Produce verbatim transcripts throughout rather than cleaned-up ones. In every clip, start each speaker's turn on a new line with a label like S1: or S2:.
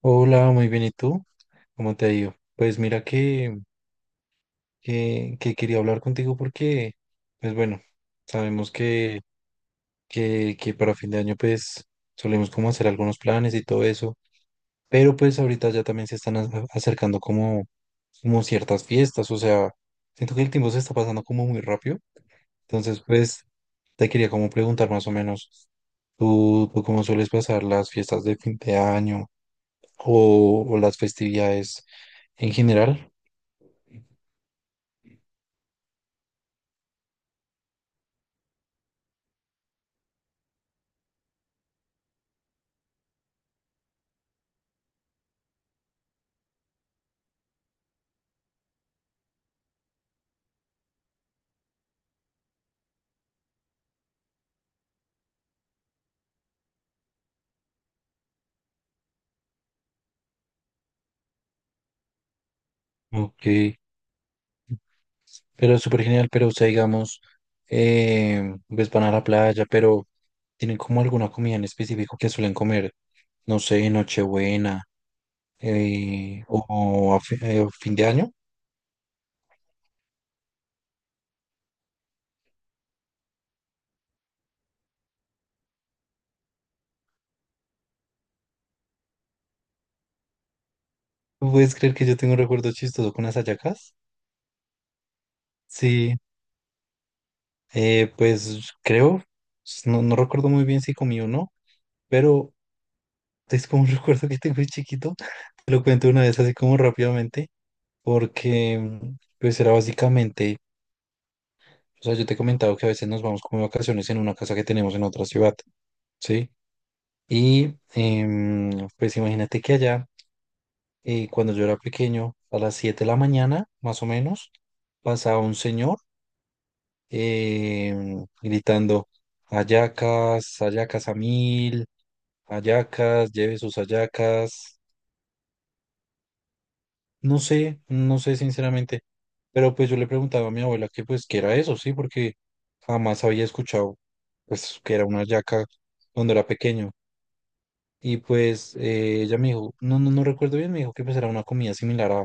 S1: Hola, muy bien. ¿Y tú? ¿Cómo te ha ido? Pues mira que, que, que quería hablar contigo porque, pues bueno, sabemos que, que, que para fin de año pues solemos como hacer algunos planes y todo eso, pero pues ahorita ya también se están a- acercando como, como ciertas fiestas, o sea, siento que el tiempo se está pasando como muy rápido, entonces pues te quería como preguntar más o menos, ¿tú, tú cómo sueles pasar las fiestas de fin de año o, o las festividades en general? Ok, pero es súper genial, pero o sea, digamos, eh, pues van a la playa, pero ¿tienen como alguna comida en específico que suelen comer? No sé, Nochebuena, eh, o a fi- eh, fin de año. ¿Tú ¿Puedes creer que yo tengo un recuerdo chistoso con las hallacas? Sí, eh, pues creo, s- no, no recuerdo muy bien si comí o no, pero es como un recuerdo que tengo de chiquito. Te lo cuento una vez así como rápidamente, porque pues era básicamente... O sea, yo te he comentado que a veces nos vamos como de vacaciones en una casa que tenemos en otra ciudad, ¿sí? Y em, pues imagínate que allá, eh, cuando yo era pequeño, a las siete de la mañana, más o menos, pasaba un señor em, gritando, hallacas, hallacas a mil, hallacas, lleve sus hallacas. No sé, no sé sinceramente, pero pues yo le preguntaba a mi abuela que pues qué era eso, sí, porque jamás había escuchado pues que era una yaca cuando era pequeño. Y pues eh, ella me dijo, no, no, no recuerdo bien, me dijo que pues era una comida similar a,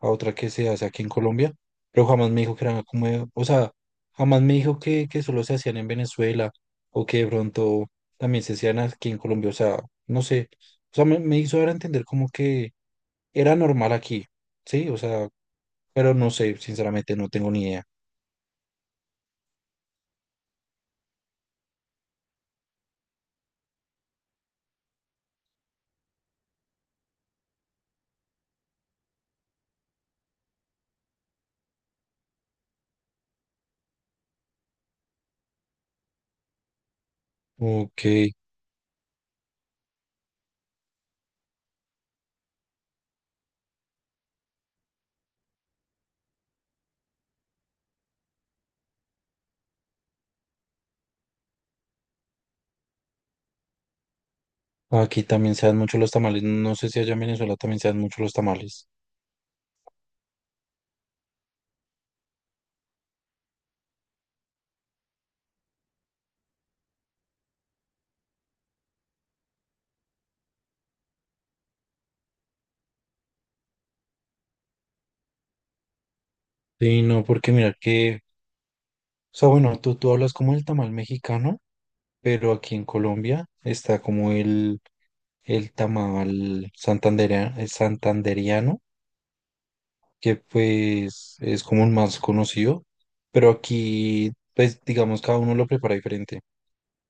S1: a otra que se hace aquí en Colombia, pero jamás me dijo que era como, o sea, jamás me dijo que, que solo se hacían en Venezuela o que de pronto también se hacían aquí en Colombia, o sea, no sé, o sea, me, me hizo dar a entender como que era normal aquí, sí, o sea, pero no sé, sinceramente no tengo ni idea. Ok, aquí también se dan mucho los tamales. No sé si allá en Venezuela también se dan mucho los tamales. Sí, no, porque mira que, o sea, bueno, tú, tú hablas como el tamal mexicano, pero aquí en Colombia está como el, el tamal santanderea- el santanderiano, que pues es como el más conocido, pero aquí, pues digamos, cada uno lo prepara diferente.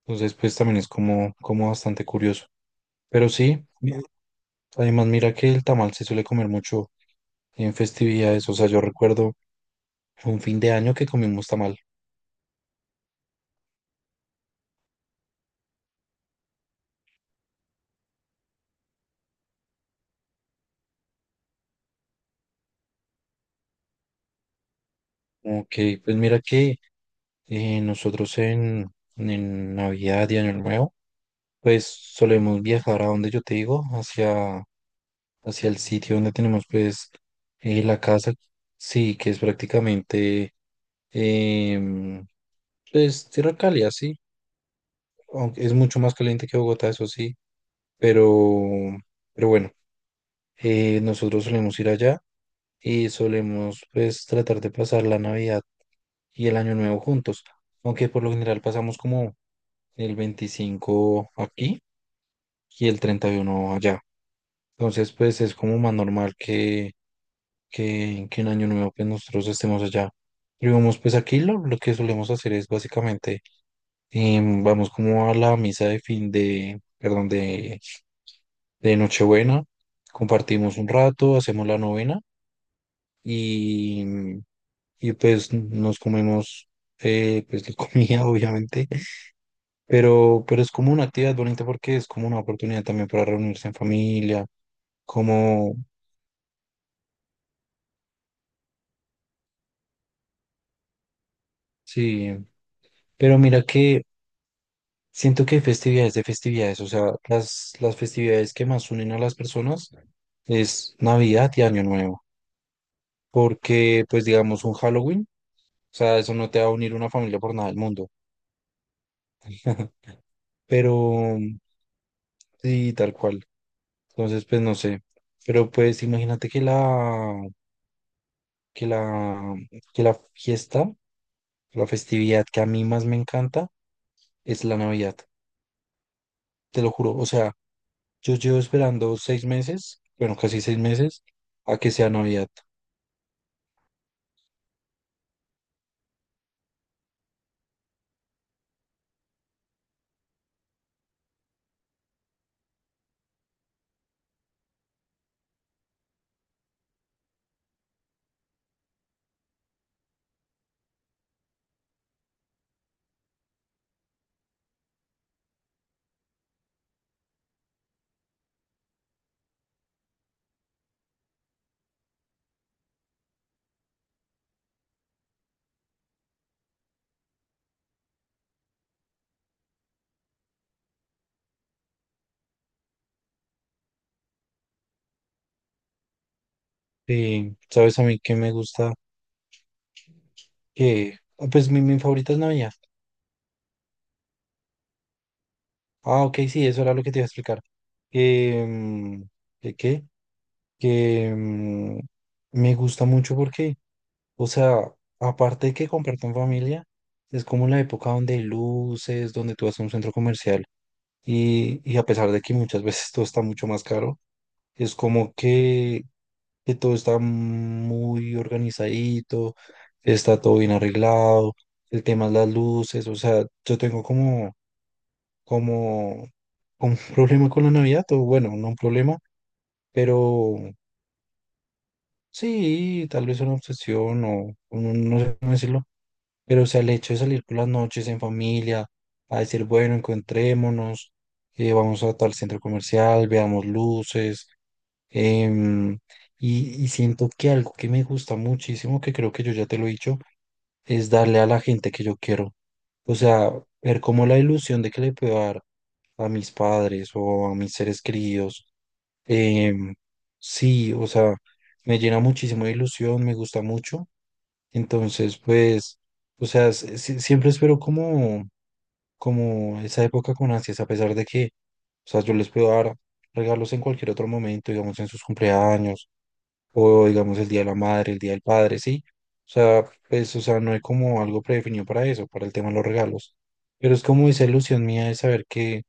S1: Entonces, pues también es como, como bastante curioso. Pero sí, además, mira que el tamal se suele comer mucho en festividades. O sea, yo recuerdo un fin de año que comimos tamal. Ok, pues mira que eh, nosotros en, en Navidad y Año Nuevo, pues solemos viajar a donde yo te digo, hacia, hacia el sitio donde tenemos pues eh, la casa, sí, que es prácticamente em, pues tierra cálida, sí, aunque es mucho más caliente que Bogotá, eso sí, pero, pero bueno, eh, nosotros solemos ir allá y solemos pues tratar de pasar la Navidad y el Año Nuevo juntos, aunque por lo general pasamos como el veinticinco aquí y el treinta y uno allá. Entonces pues es como más normal que, que, que en Año Nuevo pues nosotros estemos allá. Y vamos pues aquí lo, lo que solemos hacer es básicamente, em, vamos como a la misa de fin de, perdón, de, de Nochebuena, compartimos un rato, hacemos la novena y, y pues nos comemos, eh, pues la comida, obviamente, pero, pero es como una actividad bonita porque es como una oportunidad también para reunirse en familia, como, sí, pero mira que siento que hay festividades de festividades, o sea, las, las festividades que más unen a las personas es Navidad y Año Nuevo, porque pues digamos un Halloween, o sea, eso no te va a unir una familia por nada del mundo, pero sí, tal cual, entonces pues no sé, pero pues imagínate que la que la, que la fiesta, la festividad que a mí más me encanta es la Navidad, te lo juro. O sea, yo llevo esperando seis meses, bueno, casi seis meses, a que sea Navidad. Sí, sabes a mí que me gusta que, ah, pues mi, mi favorita es Navidad. Ah, ok, sí, eso era lo que te iba a explicar. Que, mm, que, qué? Que, mm, me gusta mucho porque, o sea, aparte de que compartan familia, es como la época donde hay luces, donde tú vas a un centro comercial y, y a pesar de que muchas veces todo está mucho más caro, es como que, que todo está muy organizadito, está todo bien arreglado, el tema es las luces, o sea, yo tengo como, como, como un problema con la Navidad, o bueno, no un problema, pero sí, tal vez una obsesión o no no sé cómo decirlo. Pero, o sea, el hecho de salir por las noches en familia, a decir, bueno, encontrémonos, eh, vamos a tal centro comercial, veamos luces, em, y, y siento que algo que me gusta muchísimo, que creo que yo ya te lo he dicho, es darle a la gente que yo quiero. O sea, ver como la ilusión de que le puedo dar a mis padres o a mis seres queridos. Em, sí, o sea, me llena muchísimo de ilusión, me gusta mucho. Entonces, pues, o sea, s- si- siempre espero como, como, esa época con ansias, a pesar de que, o sea, yo les puedo dar regalos en cualquier otro momento, digamos, en sus cumpleaños, o digamos, el Día de la Madre, el Día del Padre, sí. O sea, pues, o sea, no hay como algo predefinido para eso, para el tema de los regalos. Pero es como esa ilusión mía de saber que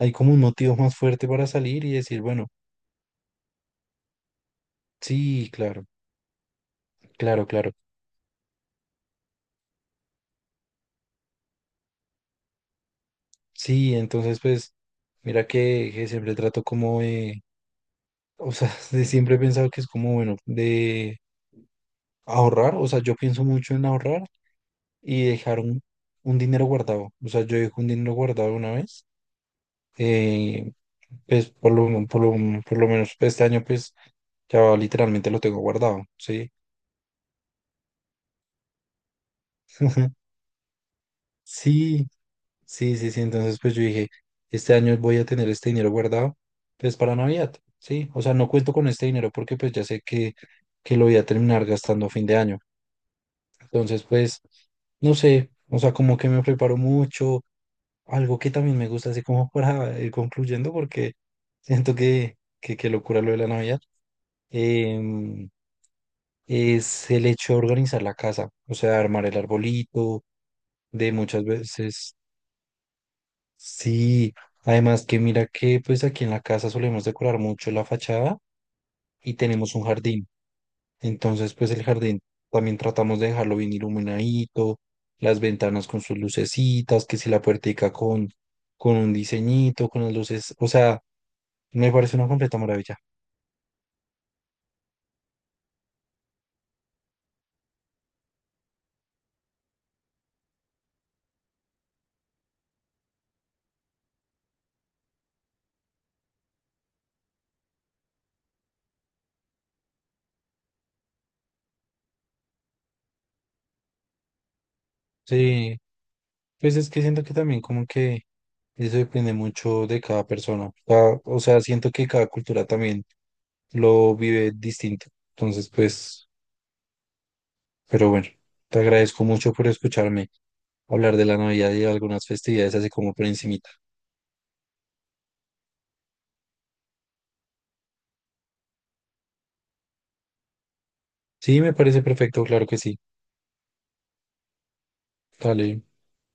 S1: hay como un motivo más fuerte para salir y decir, bueno. Sí, claro, claro, claro. Sí, entonces pues mira que, que siempre trato como de, o sea, de siempre he pensado que es como bueno, de ahorrar, o sea, yo pienso mucho en ahorrar y dejar un, un dinero guardado. O sea, yo dejo un dinero guardado una vez, eh, pues por lo, men- por lo, por lo menos este año pues ya literalmente lo tengo guardado, ¿sí? Sí, sí, sí, sí. Entonces, pues yo dije, este año voy a tener este dinero guardado, pues para Navidad, ¿sí? O sea, no cuento con este dinero porque pues ya sé que, que lo voy a terminar gastando a fin de año. Entonces, pues, no sé, o sea, como que me preparo mucho, algo que también me gusta, así como para ir concluyendo, porque siento que, que, que locura lo de la Navidad, em, es el hecho de organizar la casa, o sea, armar el arbolito, de muchas veces sí, además que mira que pues aquí en la casa solemos decorar mucho la fachada y tenemos un jardín. Entonces pues el jardín también tratamos de dejarlo bien iluminadito, las ventanas con sus lucecitas, que si la puertica con, con un diseñito, con las luces, o sea, me parece una completa maravilla. Sí, pues es que siento que también como que eso depende mucho de cada persona. Cada- o sea, siento que cada cultura también lo vive distinto. Entonces pues... Pero bueno, te agradezco mucho por escucharme hablar de la Navidad y de algunas festividades así como por encimita. Sí, me parece perfecto, claro que sí. Dale.